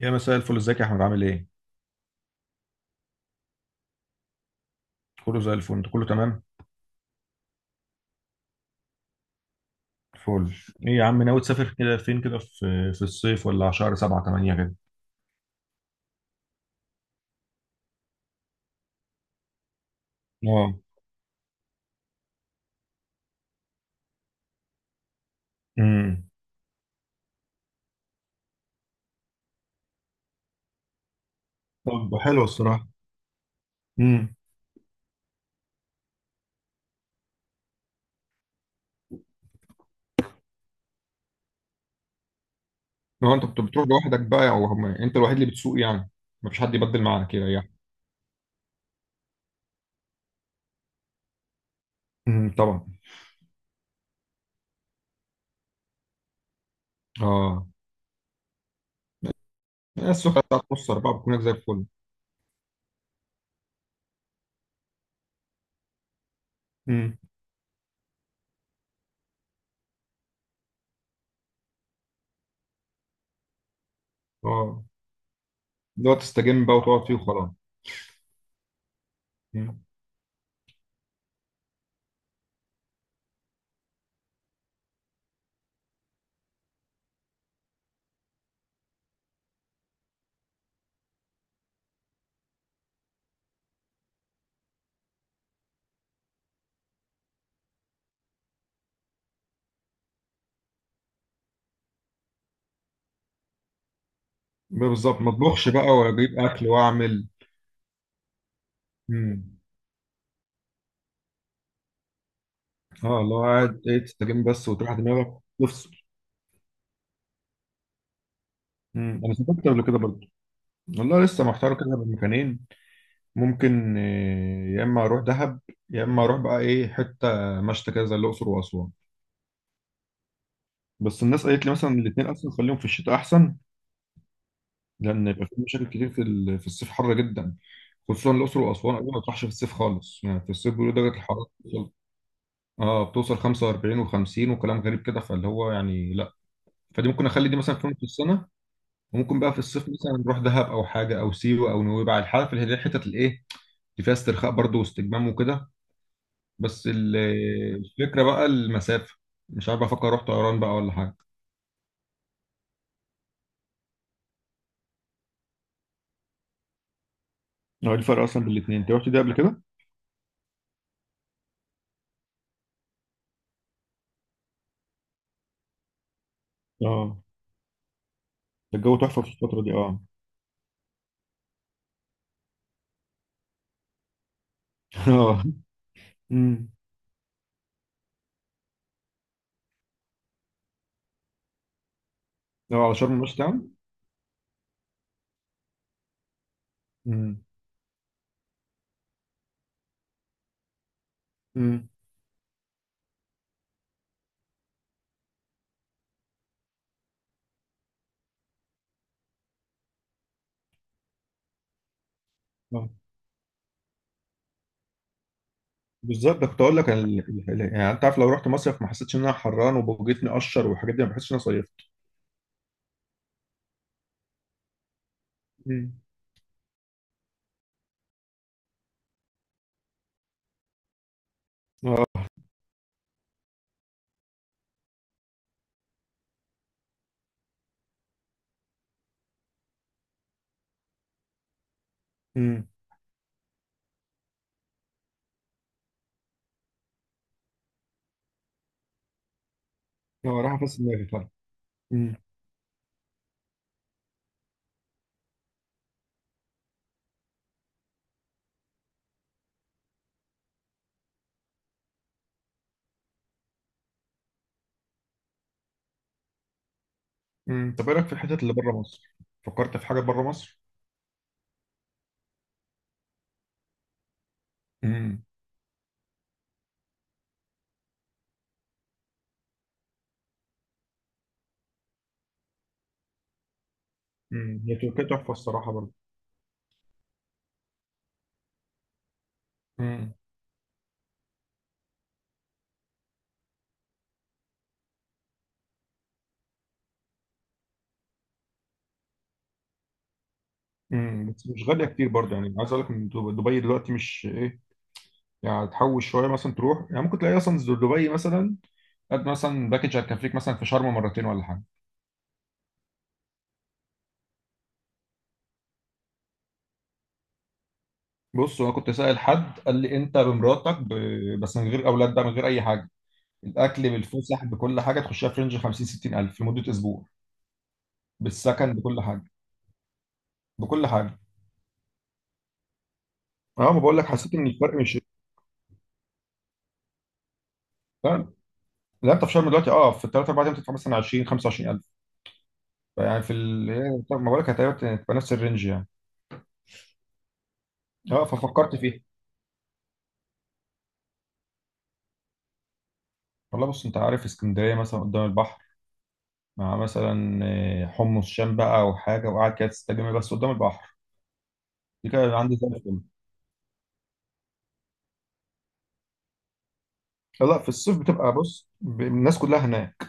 يا مساء الفل، ازيك يا احمد؟ عامل ايه؟ كله زي الفل، انت كله تمام؟ فل. ايه يا عم، ناوي تسافر كده فين كده، في الصيف ولا على شهر 7 8 كده؟ اه. امم طب حلو الصراحة. امم لو انت بتروح لوحدك بقى، او انت الوحيد اللي بتسوق يعني؟ مفيش حد يبدل معاك كده يعني؟ طبعا. اه. السوق بتاعت نص اربعة بتكون هناك زي الفل. امم اه، اللي هو تستجم بقى وتقعد فيه وخلاص. مم. بالظبط، ما اطبخش بقى ولا اجيب اكل واعمل. مم. اه، اللي هو قاعد ايه تستجم بس وتريح دماغك. مم. انا سافرت قبل كده برضه. والله لسه محتار كده بين مكانين. ممكن يا اما اروح دهب، يا اما اروح بقى ايه حته مشتى كده زي الاقصر واسوان. بس الناس قالت لي مثلا الاثنين اصلا خليهم في الشتاء احسن، لان يبقى في مشاكل كتير في في الصيف حر جدا، خصوصا الاقصر واسوان. قالوا ما تروحش في الصيف خالص، يعني في الصيف بيقولوا درجه الحراره بتوصل 45 و50 وكلام غريب كده، فاللي هو يعني لا. فدي ممكن اخلي دي مثلا في يوم في السنه، وممكن بقى في الصيف مثلا نروح دهب او حاجه او سيوه او نويبع، الحاجه في اللي هي الحتت الايه دي فيها استرخاء برضه واستجمام وكده. بس الفكرة بقى المسافة، مش عارف افكر اروح طيران بقى ولا حاجة. هو إيه الفرق اصلا بين الاثنين؟ انت رحت ده قبل كده؟ اه، ده الجو تحفه في الفتره دي، اه. اه. امم لو على شرم الناس تعمل. امم امم اه، بالظبط. ده كنت اقول لك يعني انت عارف، لو رحت مصيف ما حسيتش ان انا حران وبوجتني قشر والحاجات دي، ما بحسش ان انا صيفت. امم اه. امم اه، راح افس دماغي فعلا. امم طب ايه رايك في الحتت اللي بره مصر؟ فكرت في حاجه بره مصر؟ امم مم. هي تركيا تحفه الصراحه برضه. امم بس مش غاليه كتير برضه، يعني عايز اقول لك ان دبي دلوقتي مش ايه. يعني تحوش شويه مثلا تروح، يعني ممكن تلاقي اصلا دبي مثلا قد مثلا باكج هتكفيك مثلا في شرم مرتين ولا حاجه. بص انا كنت سائل حد قال لي، انت بمراتك بس من غير اولاد بقى، من غير اي حاجه، الاكل بالفسح بكل حاجه تخشها، في رينج 50 60 الف في مده اسبوع بالسكن بكل حاجه، بكل حاجه. اه، ما بقول لك، حسيت ان الفرق مش. لا لا، انت في شرم دلوقتي اه في 3 4 ايام تدفع مثلا 20 25,000. يعني في طب ما بقولك، هتبقى نفس الرينج يعني. اه، ففكرت فيها. والله بص، انت عارف اسكندريه مثلا قدام البحر مع مثلا حمص شام بقى او حاجه، وقاعد كده تستجم بس قدام البحر، دي كده عندي زي الفل. لا لا، في الصيف بتبقى، بص الناس كلها هناك،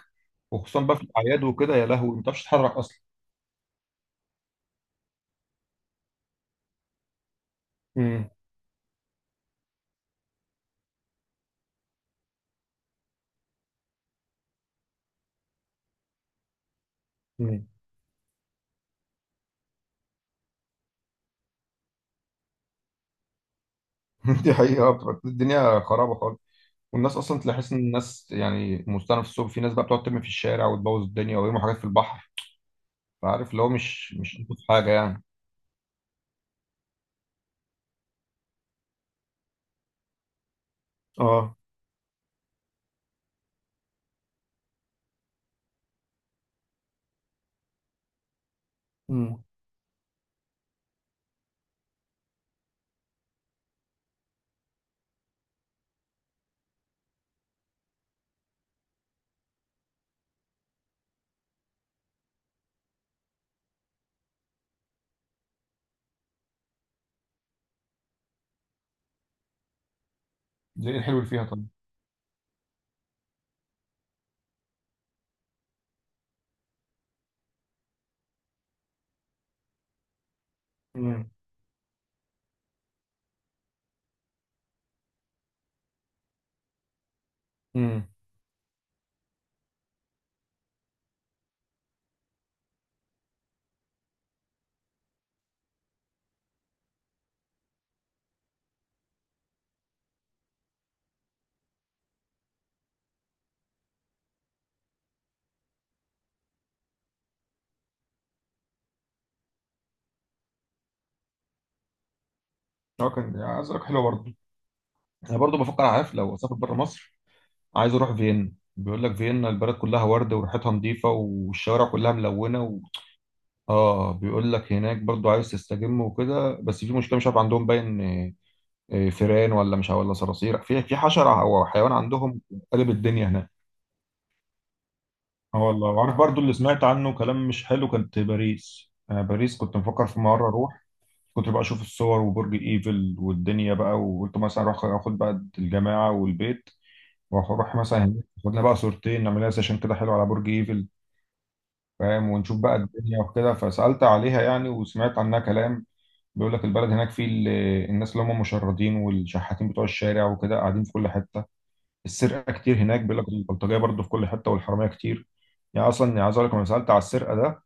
وخصوصا بقى في الاعياد وكده، يا لهوي ما بتعرفش تتحرك اصلا. امم امم دي حقيقه، بتبقى الدنيا خرابه خالص. والناس اصلا تحس ان الناس، يعني مستنى في الصبح، في ناس بقى بتقعد ترمي في الشارع وتبوظ الدنيا ويرموا حاجات في البحر، فعارف اللي هو مش ألطف حاجه يعني. اه. امم زي ايه الحلو اللي فيها طيب؟ امم امم اه، كان عايز اقول لك حلوه برضه. انا برضه بفكر، عارف، لو اسافر بره مصر عايز اروح فيينا. بيقول لك فيينا البلد كلها ورد وريحتها نظيفه والشوارع كلها ملونه اه، بيقول لك هناك برضه عايز تستجم وكده، بس في مشكله مش عارف عندهم باين فيران، ولا مش عارف- ولا صراصير، في حشره او حيوان عندهم، قلب الدنيا هناك. اه والله، وعارف برضه اللي سمعت عنه كلام مش حلو كانت باريس. انا باريس كنت مفكر في مره اروح، كنت بقى اشوف الصور وبرج ايفل والدنيا بقى، وقلت مثلا اروح اخد بقى الجماعه والبيت، واروح مثلا هناك خدنا بقى صورتين نعملها سيشن كده حلو على برج ايفل، فاهم، ونشوف بقى الدنيا وكده. فسالت عليها يعني وسمعت عنها كلام. بيقول لك البلد هناك فيه الناس اللي هم المشردين والشحاتين بتوع الشارع وكده قاعدين في كل حته، السرقه كتير هناك، بيقول لك البلطجيه برضه في كل حته والحراميه كتير. يعني اصلا، يعني عايز اقول لك لما سالت على السرقه ده،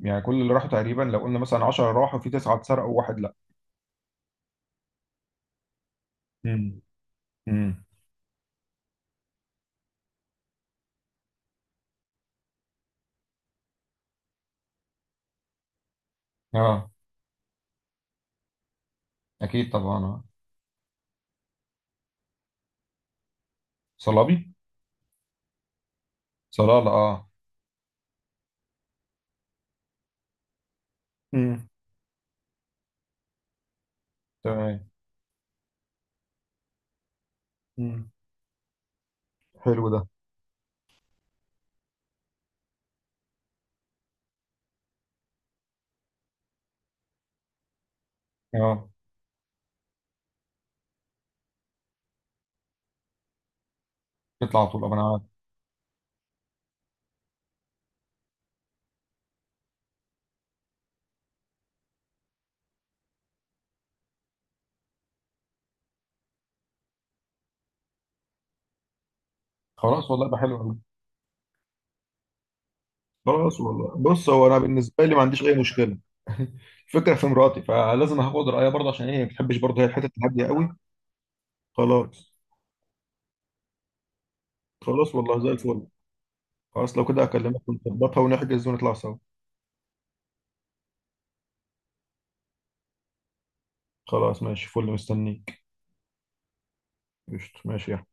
يعني كل اللي راحوا تقريبا لو قلنا مثلا 10 راحوا في تسعه اتسرقوا وواحد لا. امم امم اه، اكيد طبعا. آه. صلابي صلالة. اه. امم تمام. امم حلو ده. اه، بيطلع على طول، أبقى انا عارف. خلاص والله، يبقى حلو قوي. خلاص والله، بص هو انا بالنسبه لي ما عنديش اي مشكله. الفكره في مراتي، فلازم هاخد رايها برضه، عشان هي ما بتحبش برضه، هي الحته الهاديه قوي. خلاص. خلاص، والله زي الفل. خلاص لو كده اكلمك ونظبطها ونحجز ونطلع سوا. خلاص ماشي، فل، مستنيك. قشطة، ماشي يا